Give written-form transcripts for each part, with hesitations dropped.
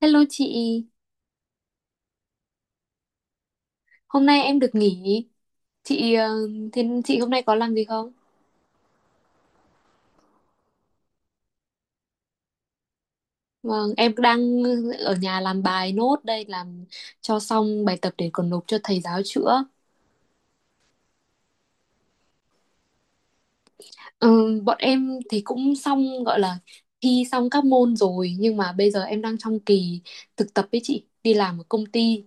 Hello chị, hôm nay em được nghỉ. Chị ờ, Thế chị hôm nay có làm gì không? Vâng, em đang ở nhà làm bài nốt đây làm cho xong bài tập để còn nộp cho thầy giáo chữa. Ừ, bọn em thì cũng xong gọi là thi xong các môn rồi nhưng mà bây giờ em đang trong kỳ thực tập với chị, đi làm ở công ty.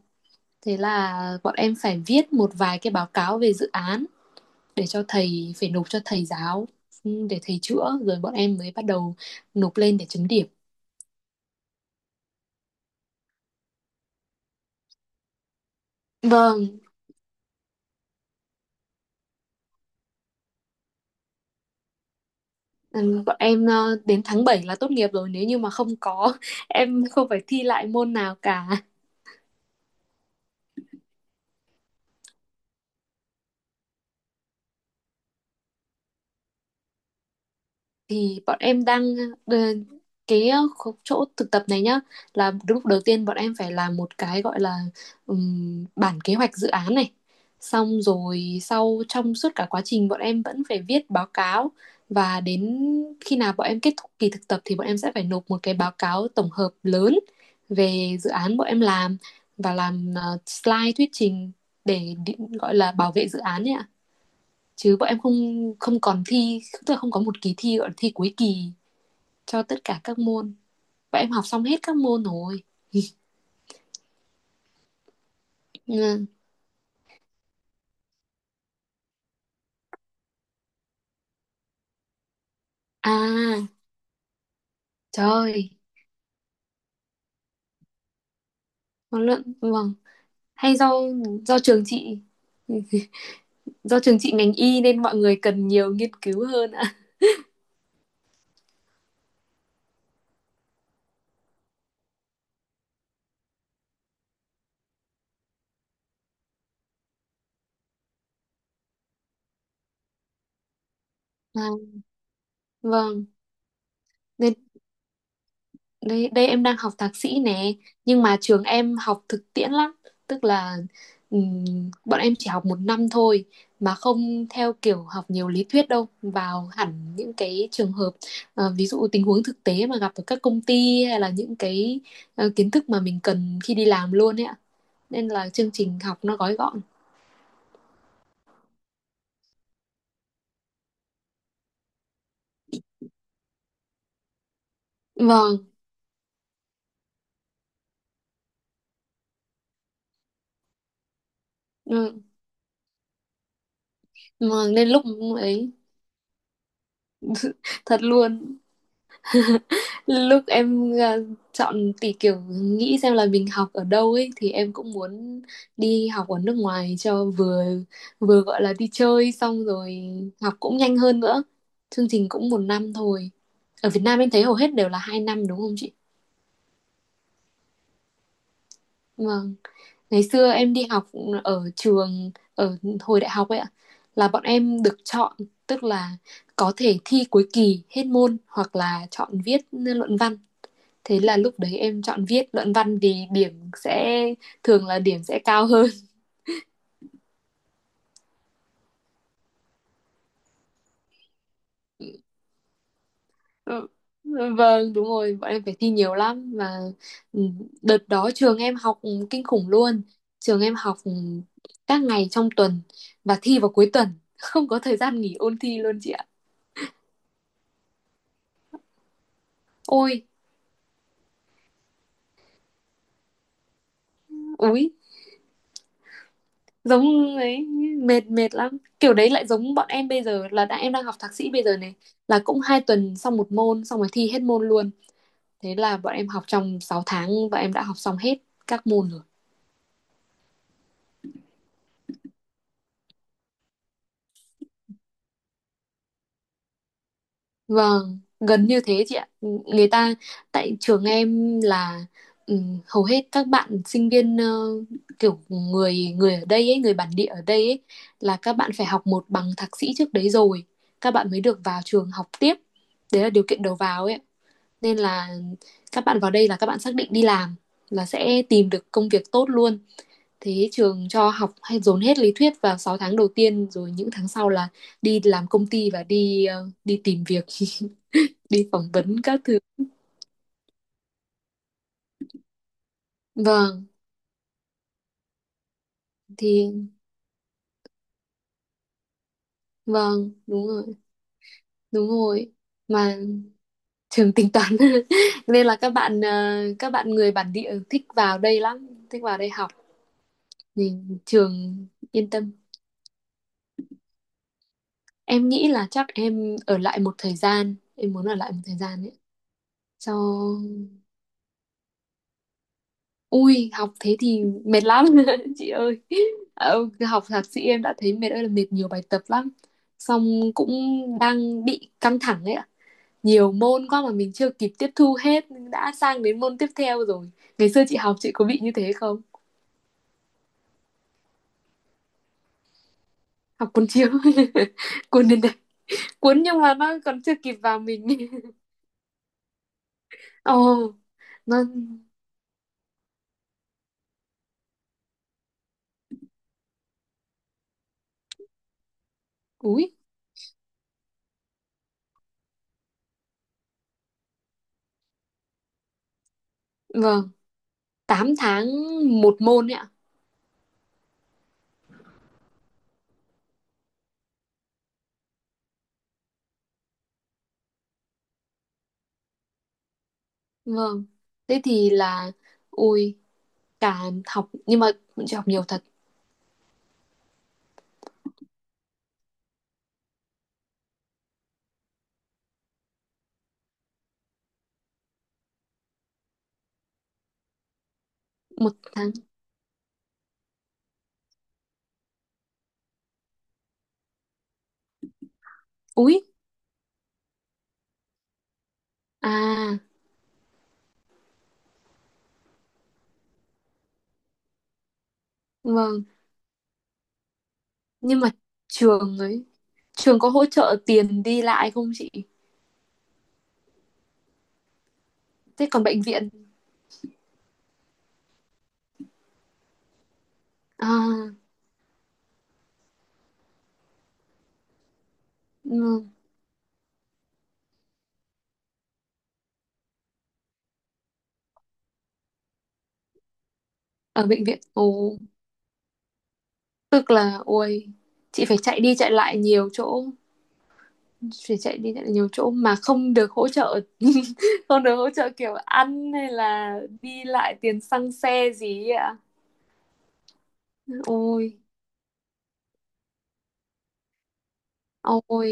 Thế là bọn em phải viết một vài cái báo cáo về dự án để cho thầy phải nộp cho thầy giáo, để thầy chữa rồi bọn em mới bắt đầu nộp lên để chấm điểm. Vâng. Ừ, bọn em đến tháng 7 là tốt nghiệp rồi nếu như mà không có em không phải thi lại môn nào cả. Thì bọn em đang, ờ, cái chỗ thực tập này nhá, là đúng lúc đầu tiên bọn em phải làm một cái gọi là, bản kế hoạch dự án này, xong rồi sau trong suốt cả quá trình bọn em vẫn phải viết báo cáo và đến khi nào bọn em kết thúc kỳ thực tập thì bọn em sẽ phải nộp một cái báo cáo tổng hợp lớn về dự án bọn em làm, và làm slide thuyết trình để gọi là bảo vệ dự án nhé, chứ bọn em không không còn thi, tức là không có một kỳ thi gọi là thi cuối kỳ cho tất cả các môn, bọn em học xong hết các môn rồi. Ừ. À, trời ơi. Nó luận, vâng. Hay do trường chị do trường chị ngành y nên mọi người cần nhiều nghiên cứu hơn ạ. À, vâng, nên đây đây em đang học thạc sĩ nè, nhưng mà trường em học thực tiễn lắm, tức là, ừm, bọn em chỉ học một năm thôi, mà không theo kiểu học nhiều lý thuyết đâu, vào hẳn những cái trường hợp, ví dụ tình huống thực tế mà gặp ở các công ty, hay là những cái kiến thức mà mình cần khi đi làm luôn ấy ạ, nên là chương trình học nó gói gọn. Vâng. ừ, vâng, nên lúc ấy, thật luôn. Lúc em chọn tỷ kiểu nghĩ xem là mình học ở đâu ấy, thì em cũng muốn đi học ở nước ngoài cho vừa, vừa gọi là đi chơi, xong rồi học cũng nhanh hơn nữa. Chương trình cũng một năm thôi. Ở Việt Nam em thấy hầu hết đều là 2 năm đúng không chị? Vâng. Ngày xưa em đi học ở trường, ở hồi đại học ấy ạ, là bọn em được chọn, tức là có thể thi cuối kỳ hết môn hoặc là chọn viết luận văn. Thế là lúc đấy em chọn viết luận văn vì điểm sẽ, thường là điểm sẽ cao hơn. Ừ, vâng, đúng rồi, bọn em phải thi nhiều lắm và, ừ, đợt đó trường em học kinh khủng luôn. Trường em học các ngày trong tuần và thi vào cuối tuần, không có thời gian nghỉ ôn thi luôn chị ạ. Ôi, úi, giống ấy, mệt mệt lắm. Kiểu đấy lại giống bọn em bây giờ, là đã, em đang học thạc sĩ bây giờ này, là cũng hai tuần xong một môn, xong rồi thi hết môn luôn. Thế là bọn em học trong 6 tháng và em đã học xong hết các môn rồi. Vâng, gần như thế chị ạ. Người ta, tại trường em là, hầu hết các bạn sinh viên kiểu người người ở đây ấy, người bản địa ở đây ấy, là các bạn phải học một bằng thạc sĩ trước đấy rồi các bạn mới được vào trường học tiếp. Đấy là điều kiện đầu vào ấy. Nên là các bạn vào đây là các bạn xác định đi làm là sẽ tìm được công việc tốt luôn. Thế trường cho học, hay dồn hết lý thuyết vào 6 tháng đầu tiên, rồi những tháng sau là đi làm công ty và đi đi tìm việc, đi phỏng vấn các thứ. Vâng, thì vâng, đúng rồi, đúng rồi. Mà trường tính toán. Nên là các bạn các bạn người bản địa thích vào đây lắm, thích vào đây học. Thì trường yên tâm. Em nghĩ là chắc em ở lại một thời gian, em muốn ở lại một thời gian ấy, cho. Ui, học thế thì mệt lắm chị ơi. Ờ, học thạc sĩ em đã thấy mệt ơi là mệt, nhiều bài tập lắm. Xong cũng đang bị căng thẳng ấy ạ. Nhiều môn quá mà mình chưa kịp tiếp thu hết đã sang đến môn tiếp theo rồi. Ngày xưa chị học chị có bị như thế không? Học cuốn chiếu. Cuốn đến đây. Cuốn nhưng mà nó còn chưa kịp vào mình. Ồ, nó, ui, vâng, 8 tháng một môn ấy ạ. Vâng. Thế thì là, ui, cả, học nhưng mà bọn chị học nhiều thật. Một tháng, úi, à, vâng, nhưng mà trường ấy, trường có hỗ trợ tiền đi lại không chị? Thế còn bệnh viện? À. ừ, Ở bệnh viện. Ồ, tức là, ôi, chị phải chạy đi chạy lại nhiều chỗ, phải chạy đi chạy lại nhiều chỗ mà không được hỗ trợ, không được hỗ trợ kiểu ăn hay là đi lại tiền xăng xe gì ấy ạ. Ôi, ôi,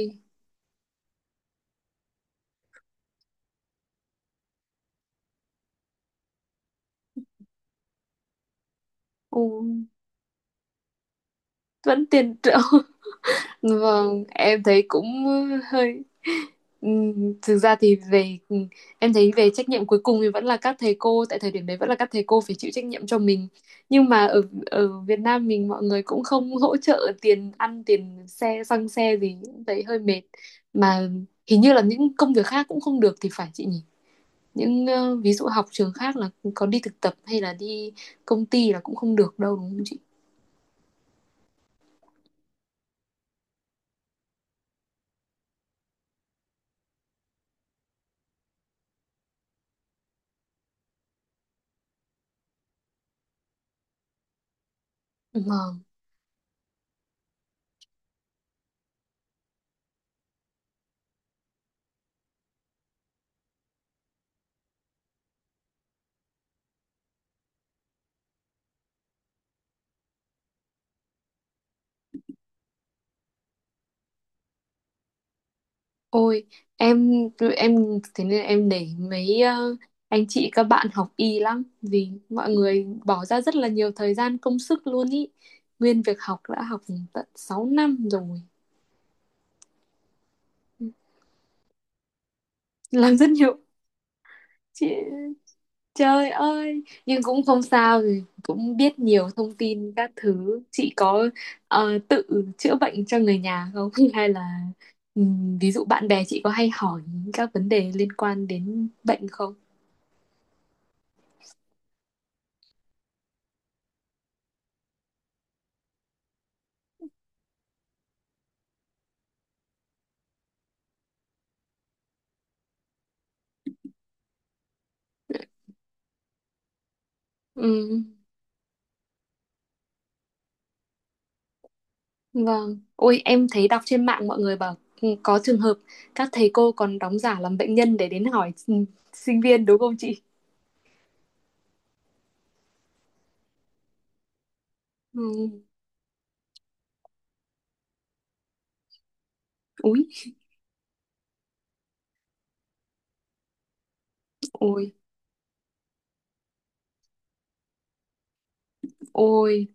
ôi, vẫn tiền triệu. Vâng, em thấy cũng hơi, thực ra thì về, em thấy về trách nhiệm cuối cùng thì vẫn là các thầy cô, tại thời điểm đấy vẫn là các thầy cô phải chịu trách nhiệm cho mình. Nhưng mà ở ở Việt Nam mình mọi người cũng không hỗ trợ tiền ăn, tiền xe, xăng xe gì, em thấy hơi mệt. Mà hình như là những công việc khác cũng không được thì phải chị nhỉ? Những ví dụ học trường khác là có đi thực tập hay là đi công ty là cũng không được đâu đúng không chị? Vâng. Ôi, em em thế nên em nể mấy anh chị các bạn học y lắm, vì mọi người bỏ ra rất là nhiều thời gian công sức luôn ý. Nguyên việc học đã học tận 6 năm rồi. Làm rất nhiều. Chị... Trời ơi, nhưng cũng không sao rồi, cũng biết nhiều thông tin các thứ. Chị có tự chữa bệnh cho người nhà không? Hay là ví dụ bạn bè chị có hay hỏi các vấn đề liên quan đến bệnh không? Ừ. Vâng, ôi em thấy đọc trên mạng mọi người bảo, có trường hợp các thầy cô còn đóng giả làm bệnh nhân để đến hỏi sinh viên đúng không chị? Ừ. Úi, ôi, ôi,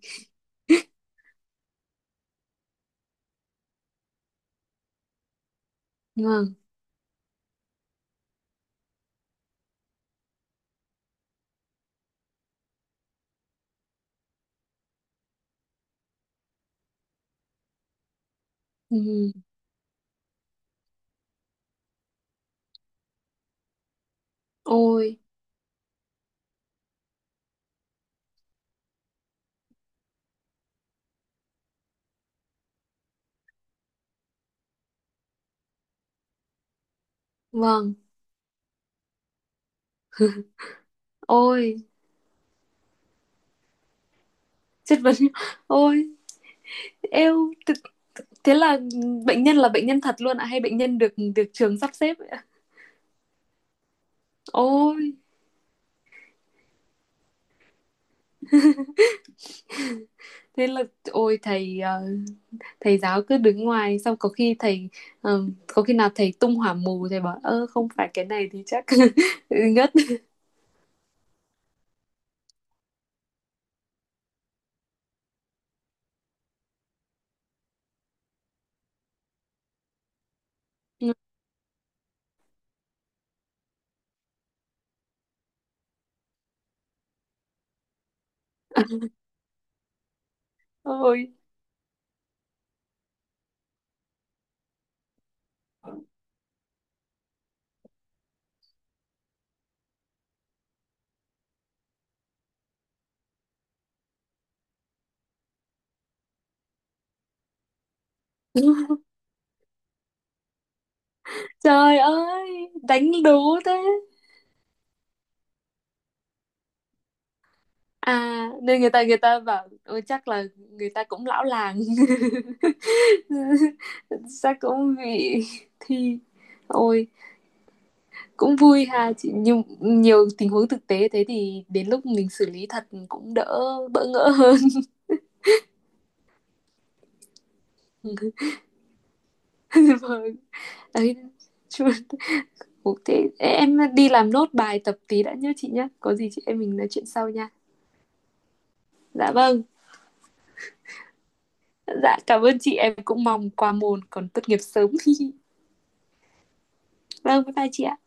vâng, ừ, ôi, vâng, ôi, chất vấn, ôi, eo, thế là bệnh nhân thật luôn ạ, hay bệnh nhân được được trường sắp xếp ạ? Ôi, thế là, ôi, thầy giáo cứ đứng ngoài, xong có khi nào thầy tung hỏa mù, thầy bảo ơ không phải cái này thì chắc ngất. Ôi trời ơi đánh đố. Thế à, nên người ta bảo ôi chắc là người ta cũng lão làng. Chắc cũng bị thi. Ôi cũng vui ha chị, nhưng nhiều tình huống thực tế thế thì đến lúc mình xử lý thật cũng đỡ bỡ ngỡ hơn. Vâng, ấy, chú- ừ, thế em đi làm nốt bài tập tí đã nhớ chị nhé. Có gì chị em mình nói chuyện sau nha. Dạ vâng. Dạ cảm ơn chị, em cũng mong qua môn còn tốt nghiệp sớm. Vâng, bye bye chị ạ.